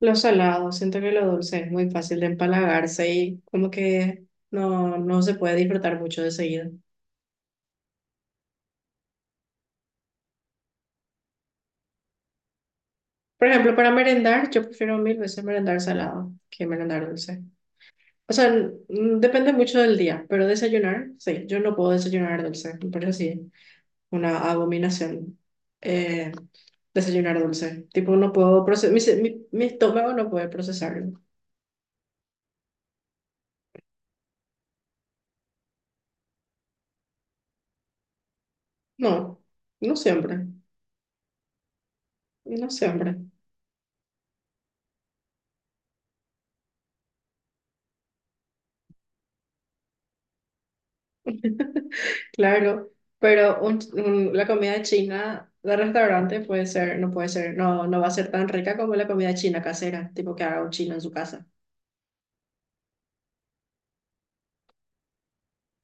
Lo salado, siento que lo dulce es muy fácil de empalagarse y como que no se puede disfrutar mucho de seguido. Por ejemplo, para merendar, yo prefiero mil veces merendar salado que merendar dulce. O sea, depende mucho del día, pero desayunar, sí, yo no puedo desayunar dulce, me parece así una abominación, eh, desayunar dulce. Tipo, no puedo procesar, mi, se- mi mi estómago no puede procesarlo. No, no siempre, no siempre. Claro, pero la comida china de restaurante puede ser, no, no va a ser tan rica como la comida china casera, tipo que haga un chino en su casa.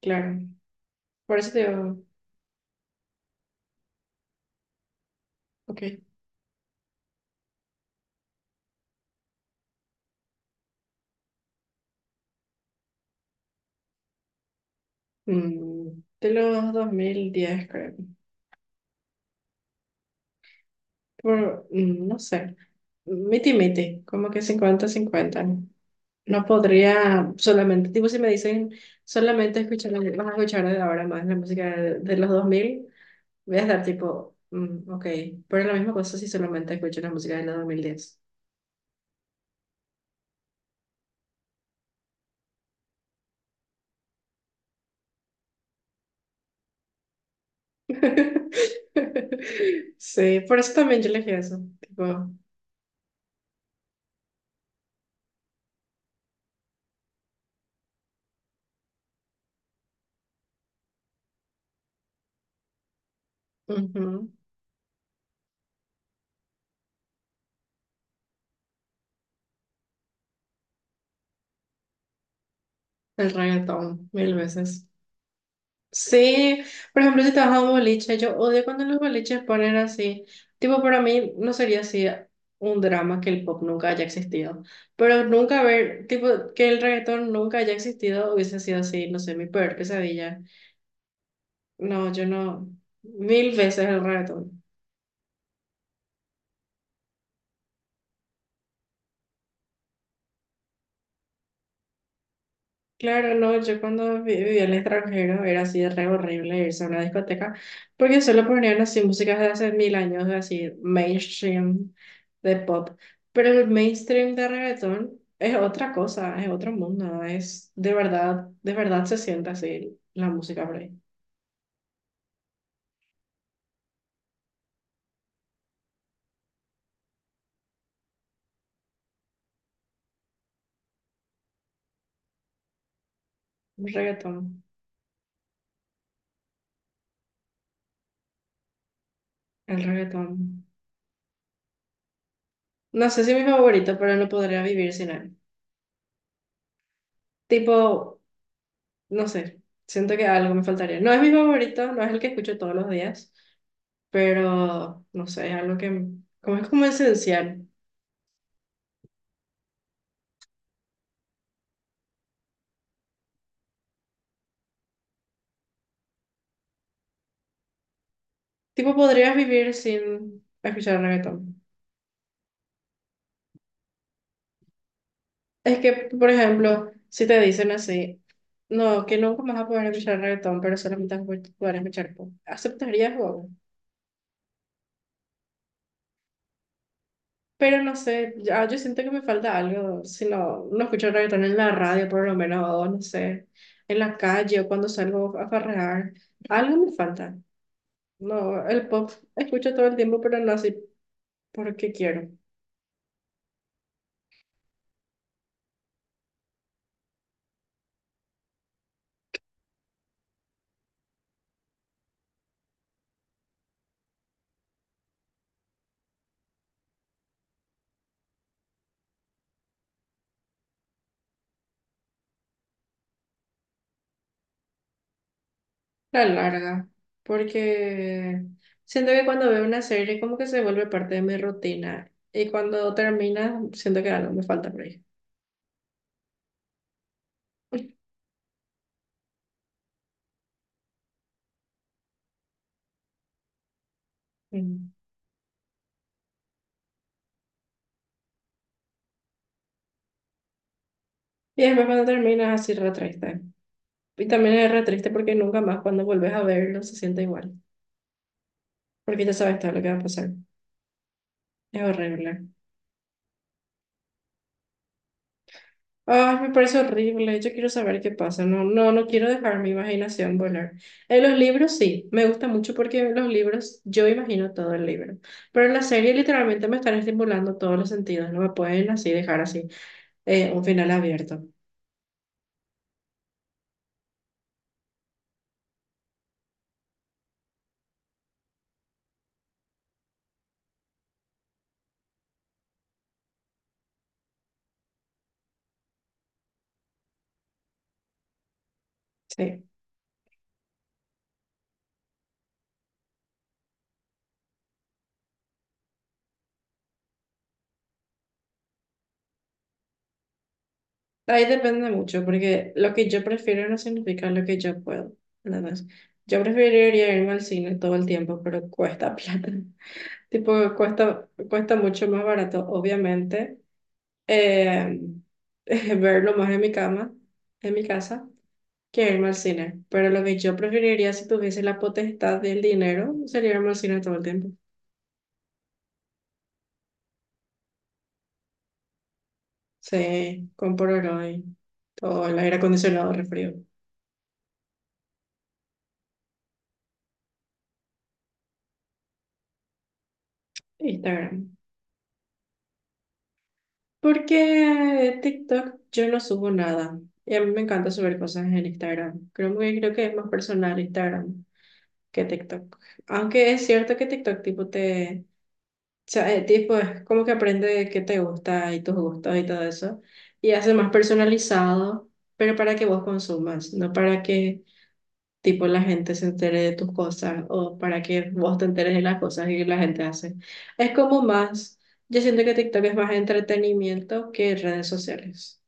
Claro, por eso te digo. Ok, de los 2010 creo, no sé, miti miti, como que cincuenta cincuenta. No podría solamente, tipo si me dicen solamente escuchar, vas a escuchar de ahora más la música de los 2000. Voy a estar tipo, ok, pero la misma cosa si solamente escucho la música de la diez. Sí, por eso también yo elegí eso, tipo. Ujú. El reggaetón, mil veces. Sí, por ejemplo, si te vas a un boliche, yo odio cuando los boliches ponen así, tipo, para mí no sería así un drama que el pop nunca haya existido, pero nunca ver, tipo, que el reggaetón nunca haya existido hubiese sido así, no sé, mi peor pesadilla. No, yo no. Mil veces el reggaetón. Claro, no, yo cuando vivía en el extranjero era así de re horrible irse a una discoteca porque solo ponían así músicas de hace mil años, así mainstream de pop. Pero el mainstream de reggaetón es otra cosa, es otro mundo, es de verdad se siente así la música por ahí. El reggaetón, el reggaetón. No sé si es mi favorito, pero no podría vivir sin él. Tipo, no sé, siento que algo me faltaría. No es mi favorito, no es el que escucho todos los días, pero no sé, es algo que, como, es como esencial. Tipo, podrías vivir sin escuchar reggaetón. Es que, por ejemplo, si te dicen así, no, que nunca más vas a poder escuchar reggaetón, pero solamente vas a poder escuchar pop, ¿aceptarías o no? Pero no sé, ya, yo siento que me falta algo, si no, no escucho reggaetón en la radio, por lo menos, o no sé, en la calle o cuando salgo a farrear, algo me falta. No, el pop escucho todo el tiempo, pero no así porque quiero. La larga. Porque siento que cuando veo una serie como que se vuelve parte de mi rutina. Y cuando termina, siento que algo me falta por ahí. Mm. Y después cuando termina, así re triste. Y también es re triste porque nunca más cuando vuelves a verlo se siente igual. Porque ya sabes todo lo que va a pasar. Es horrible. Ay, me parece horrible. Yo quiero saber qué pasa. No, no, no quiero dejar mi imaginación volar. En los libros sí, me gusta mucho porque en los libros yo imagino todo el libro. Pero en la serie literalmente me están estimulando todos los sentidos. No me pueden así dejar así, un final abierto. Sí. Ahí depende mucho porque lo que yo prefiero no significa lo que yo puedo. Nada más. Yo preferiría irme al cine todo el tiempo, pero cuesta plata. Tipo, cuesta mucho más barato, obviamente, eh, verlo más en mi cama, en mi casa, que irme al cine. Pero lo que yo preferiría si tuviese la potestad del dinero sería irme al cine todo el tiempo. Sí, con Polaroid, todo el aire acondicionado, refrío. Instagram. Porque TikTok yo no subo nada. Y a mí me encanta subir cosas en Instagram. Creo que es más personal Instagram que TikTok. Aunque es cierto que TikTok tipo te, o sea, tipo es como que aprende qué te gusta y tus gustos y todo eso y hace más personalizado, pero para que vos consumas, no para que tipo la gente se entere de tus cosas o para que vos te enteres de las cosas que la gente hace. Es como más, yo siento que TikTok es más entretenimiento que redes sociales.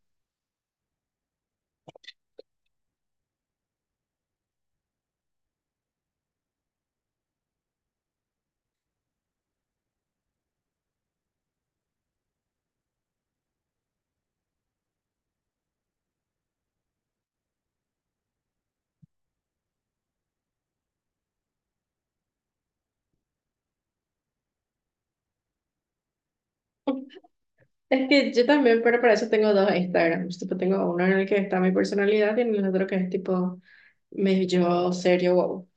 Es que yo también, pero para eso tengo dos Instagrams. Tipo, tengo uno en el que está mi personalidad y en el otro que es tipo me yo, serio, wow.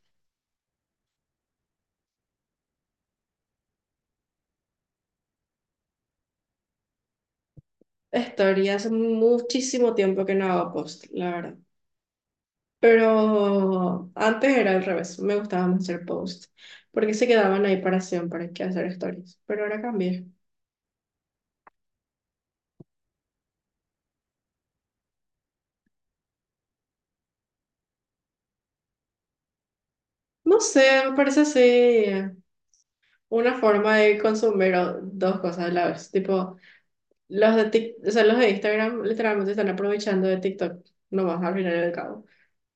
Historia hace muchísimo tiempo que no hago post, la verdad. Pero antes era al revés, me gustaba más hacer post, porque se quedaban ahí para siempre, que hacer stories. Pero ahora cambié. No sé, me parece así una forma de consumir dos cosas a la vez. Tipo, o sea, los de Instagram literalmente están aprovechando de TikTok, nomás al final del cabo.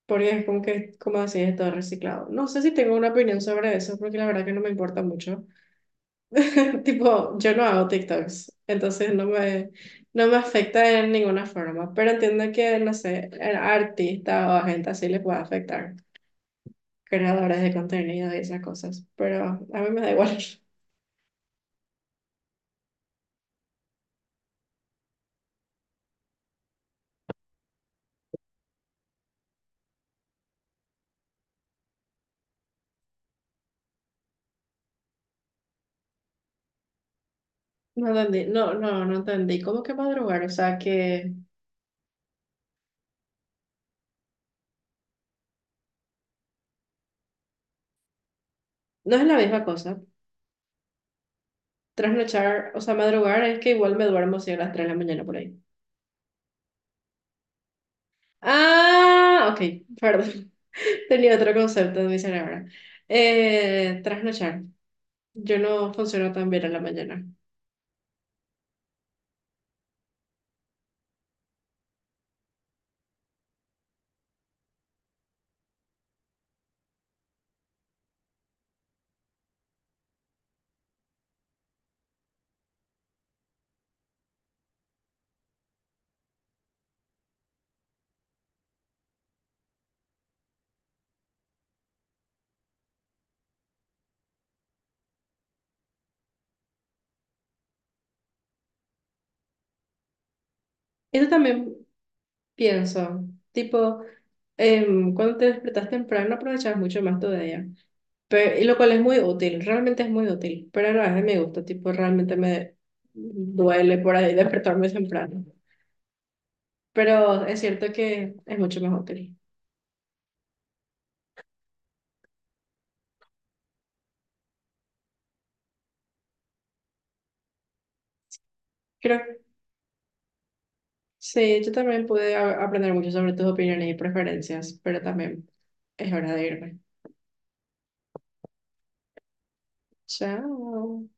Porque es como que, como así, es todo reciclado. No sé si tengo una opinión sobre eso, porque la verdad que no me importa mucho. Tipo, yo no hago TikToks, entonces no me afecta en ninguna forma, pero entiendo que, no sé, a artistas o a gente así les puede afectar, creadores de contenido y esas cosas, pero a mí me da igual. No entendí, no, no, no entendí. ¿Cómo que madrugar? O sea, que no es la misma cosa. Trasnochar, o sea, madrugar es que igual me duermo si a las 3 de la mañana por ahí. Ah, ok, perdón. Tenía otro concepto en mi cerebro. Trasnochar. Yo no funciono tan bien a la mañana. Eso también pienso, tipo, cuando te despertas temprano aprovechas mucho más todavía, pero, y lo cual es muy útil, realmente es muy útil, pero a la vez me gusta, tipo, realmente me duele por ahí despertarme temprano, pero es cierto que es mucho más útil. Creo, sí, yo también pude aprender mucho sobre tus opiniones y preferencias, pero también es hora de irme. Chao.